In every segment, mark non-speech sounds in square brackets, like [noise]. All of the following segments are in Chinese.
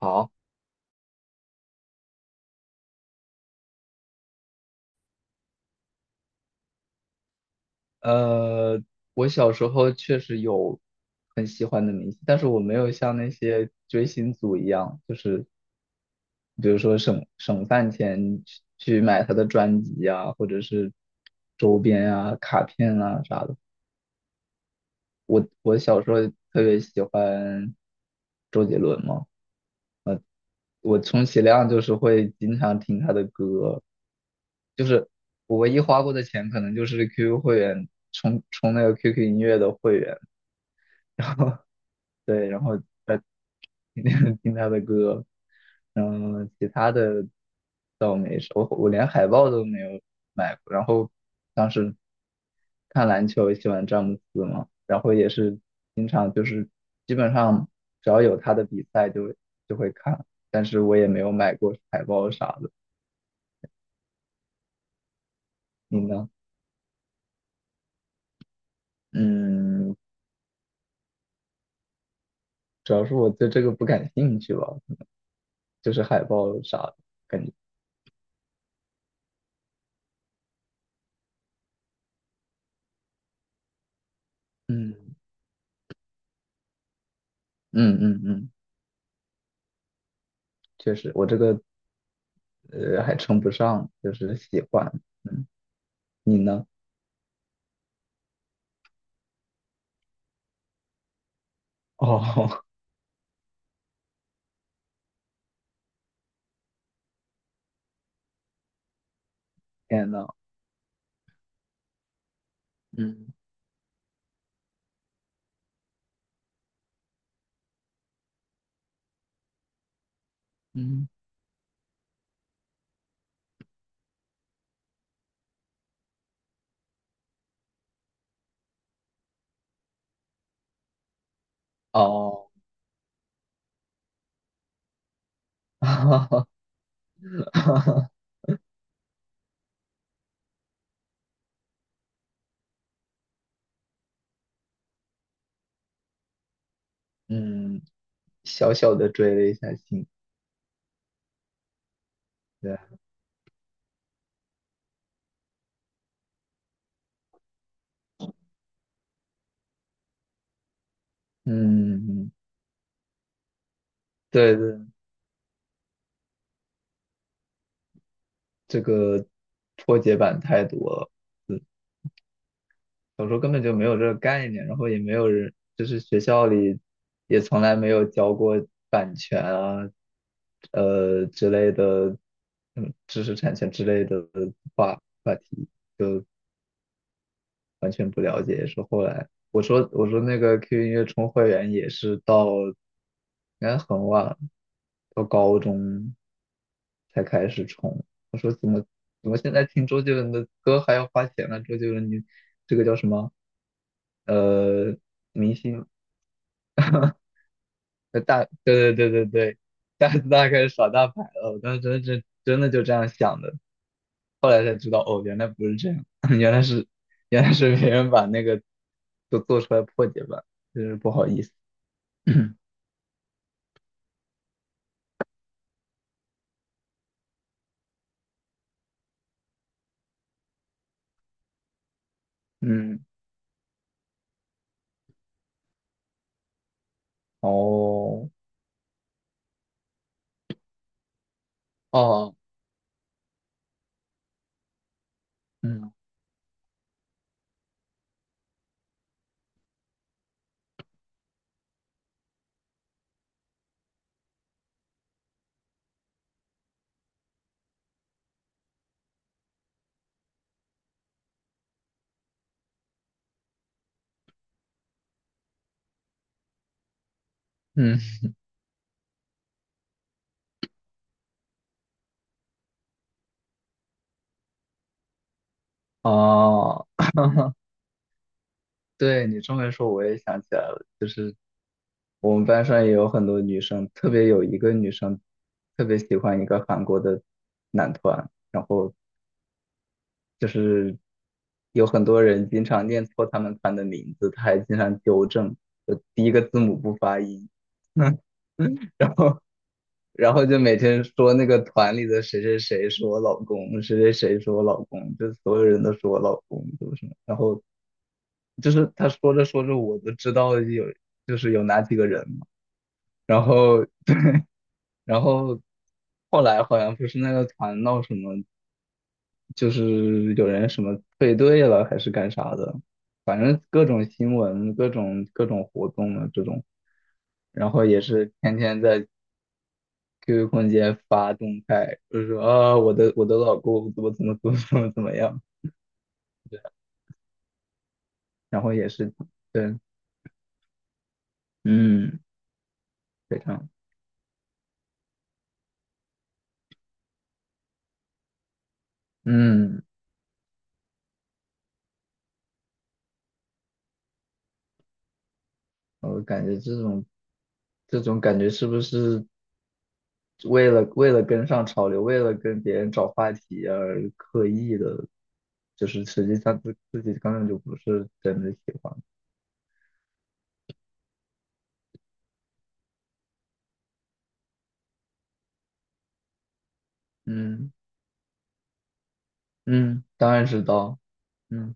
好，呃，我小时候确实有很喜欢的明星，但是我没有像那些追星族一样，就是比如说省饭钱去买他的专辑啊，或者是周边啊、卡片啊啥的。我小时候特别喜欢周杰伦嘛，我充其量就是会经常听他的歌，就是我唯一花过的钱可能就是 QQ 会员充那个 QQ 音乐的会员。对，然后天 [laughs] 听听他的歌，嗯，其他的倒没什么我连海报都没有买过。然后当时看篮球，喜欢詹姆斯嘛，然后也是经常就是基本上只要有他的比赛就会看，但是我也没有买过海报啥的。你呢？嗯，主要是我对这个不感兴趣吧，就是海报啥的，感觉。嗯嗯嗯嗯，确实，我这个还称不上，就是喜欢。嗯，你呢？哦，[laughs] 天呐，嗯嗯，哦，[laughs] 哈哈哈嗯，小小的追了一下星，对，嗯，对对，这个破解版太多了，嗯，小时候根本就没有这个概念，然后也没有人，就是学校里也从来没有教过版权啊，之类的，嗯，知识产权之类的话。话题。完全不了解，也是后来我说那个 QQ 音乐充会员也是到应该很晚，到高中才开始充。怎么现在听周杰伦的歌还要花钱呢？周杰伦你这个叫什么？呃，明星对对对对对，[laughs] 开始耍大牌了。我当时真的就这样想的。后来才知道，哦，原来不是这样，[laughs] 原来是原来是别人把那个都做出来破解版，真是不好意思。[coughs] [clears throat] 嗯，哦，哦，嗯嗯，哦，[laughs] 对你这么一说，我也想起来了，就是我们班上也有很多女生，特别有一个女生特别喜欢一个韩国的男团，然后就是有很多人经常念错他们团的名字，他还经常纠正，就第一个字母不发音，[laughs] 然后然后就每天说那个团里的谁谁谁是我老公，谁谁谁是我老公，就所有人都是我老公，就是什么，然后就是他说着说着我都知道有就是有哪几个人嘛，然后然后后来好像不是那个团闹什么。就是有人什么退队了还是干啥的，反正各种新闻、各种各种活动的这种，然后也是天天在 QQ 空间发动态，就是说啊，我的老公怎么怎么怎么怎么怎么样，然后也是对，嗯，非常，嗯，我感觉这种感觉是不是？为了跟上潮流，为了跟别人找话题而刻意的，就是实际上自己根本就不是真的喜欢。嗯嗯，当然知道。嗯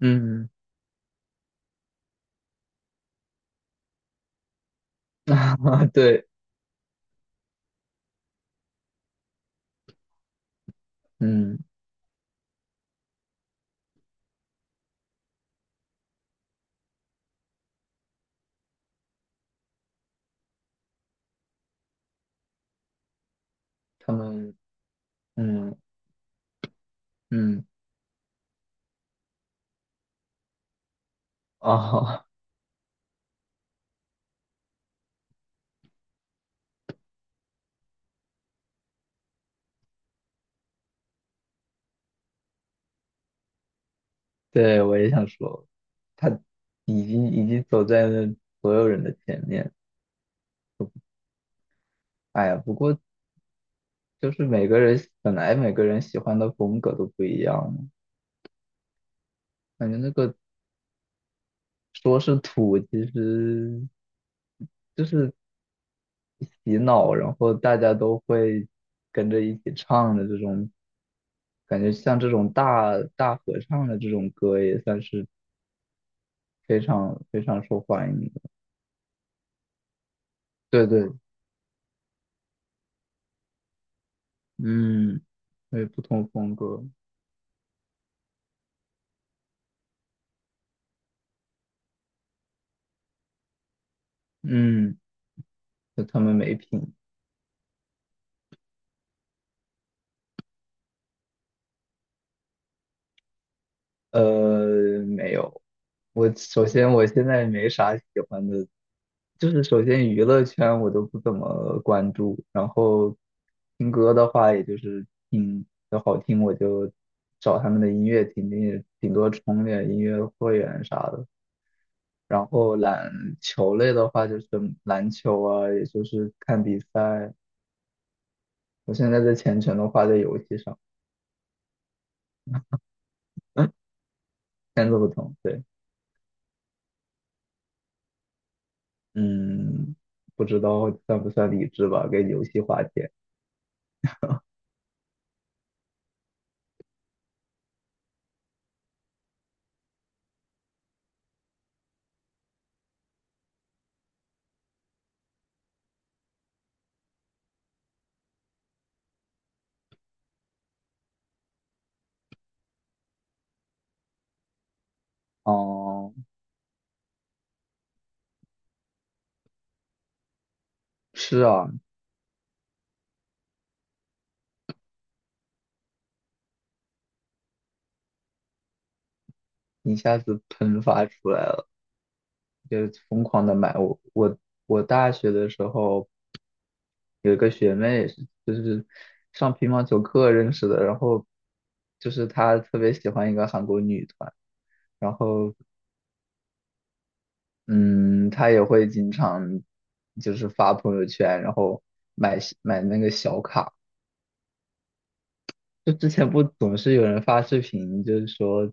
嗯，[laughs] 啊对，嗯，他们，嗯嗯，哦，[laughs] 对，我也想说，他已经走在了所有人的前面。哎呀，不过就是每个人本来每个人喜欢的风格都不一样嘛感觉那个说是土，其实就是洗脑，然后大家都会跟着一起唱的这种，感觉像这种大合唱的这种歌也算是非常非常受欢迎的。对对，嗯，对，不同风格，嗯，就他们没品。没有。我首先我现在没啥喜欢的，就是首先娱乐圈我都不怎么关注，然后听歌的话，也就是听要好听我就找他们的音乐听听，顶多充点音乐会员啥的。然后篮球类的话，就是篮球啊，也就是看比赛。我现在在全程都花在游戏上，[laughs] 现在都不同，对。嗯，不知道算不算理智吧，跟游戏花钱。哦，是啊，一下子喷发出来了，就疯狂的买。我大学的时候有一个学妹是就是上乒乓球课认识的，然后就是她特别喜欢一个韩国女团，然后嗯，她也会经常就是发朋友圈，然后买那个小卡。就之前不总是有人发视频，就是说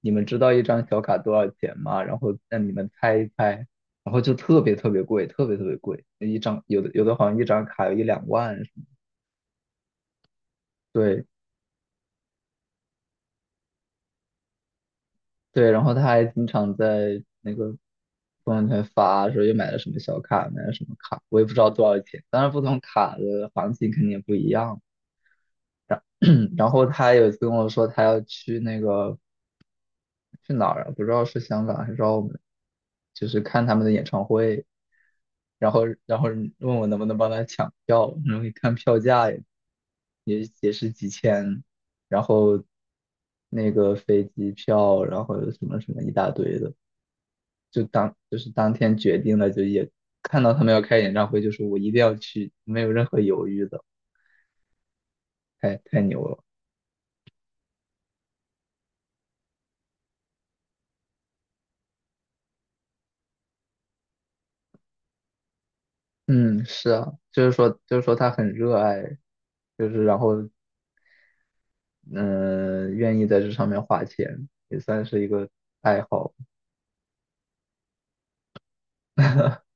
你们知道一张小卡多少钱吗？然后让你们猜一猜，然后就特别特别贵，特别特别贵，一张有的好像一张卡有一两万什么。对对，然后他还经常在那个朋友圈发说又买了什么小卡，买了什么卡，我也不知道多少钱。当然不同卡的行情肯定也不一样。[clears throat] 然后他有一次跟我说他要去那个去哪儿啊？不知道是香港还是澳门，就是看他们的演唱会，然后问我能不能帮他抢票，然后一看票价也是几千，然后那个飞机票，然后什么什么一大堆的，就是当天决定了，就也看到他们要开演唱会，就是我一定要去，没有任何犹豫的，太牛了。嗯，是啊，就是说他很热爱，就是然后嗯、愿意在这上面花钱，也算是一个爱好。[laughs]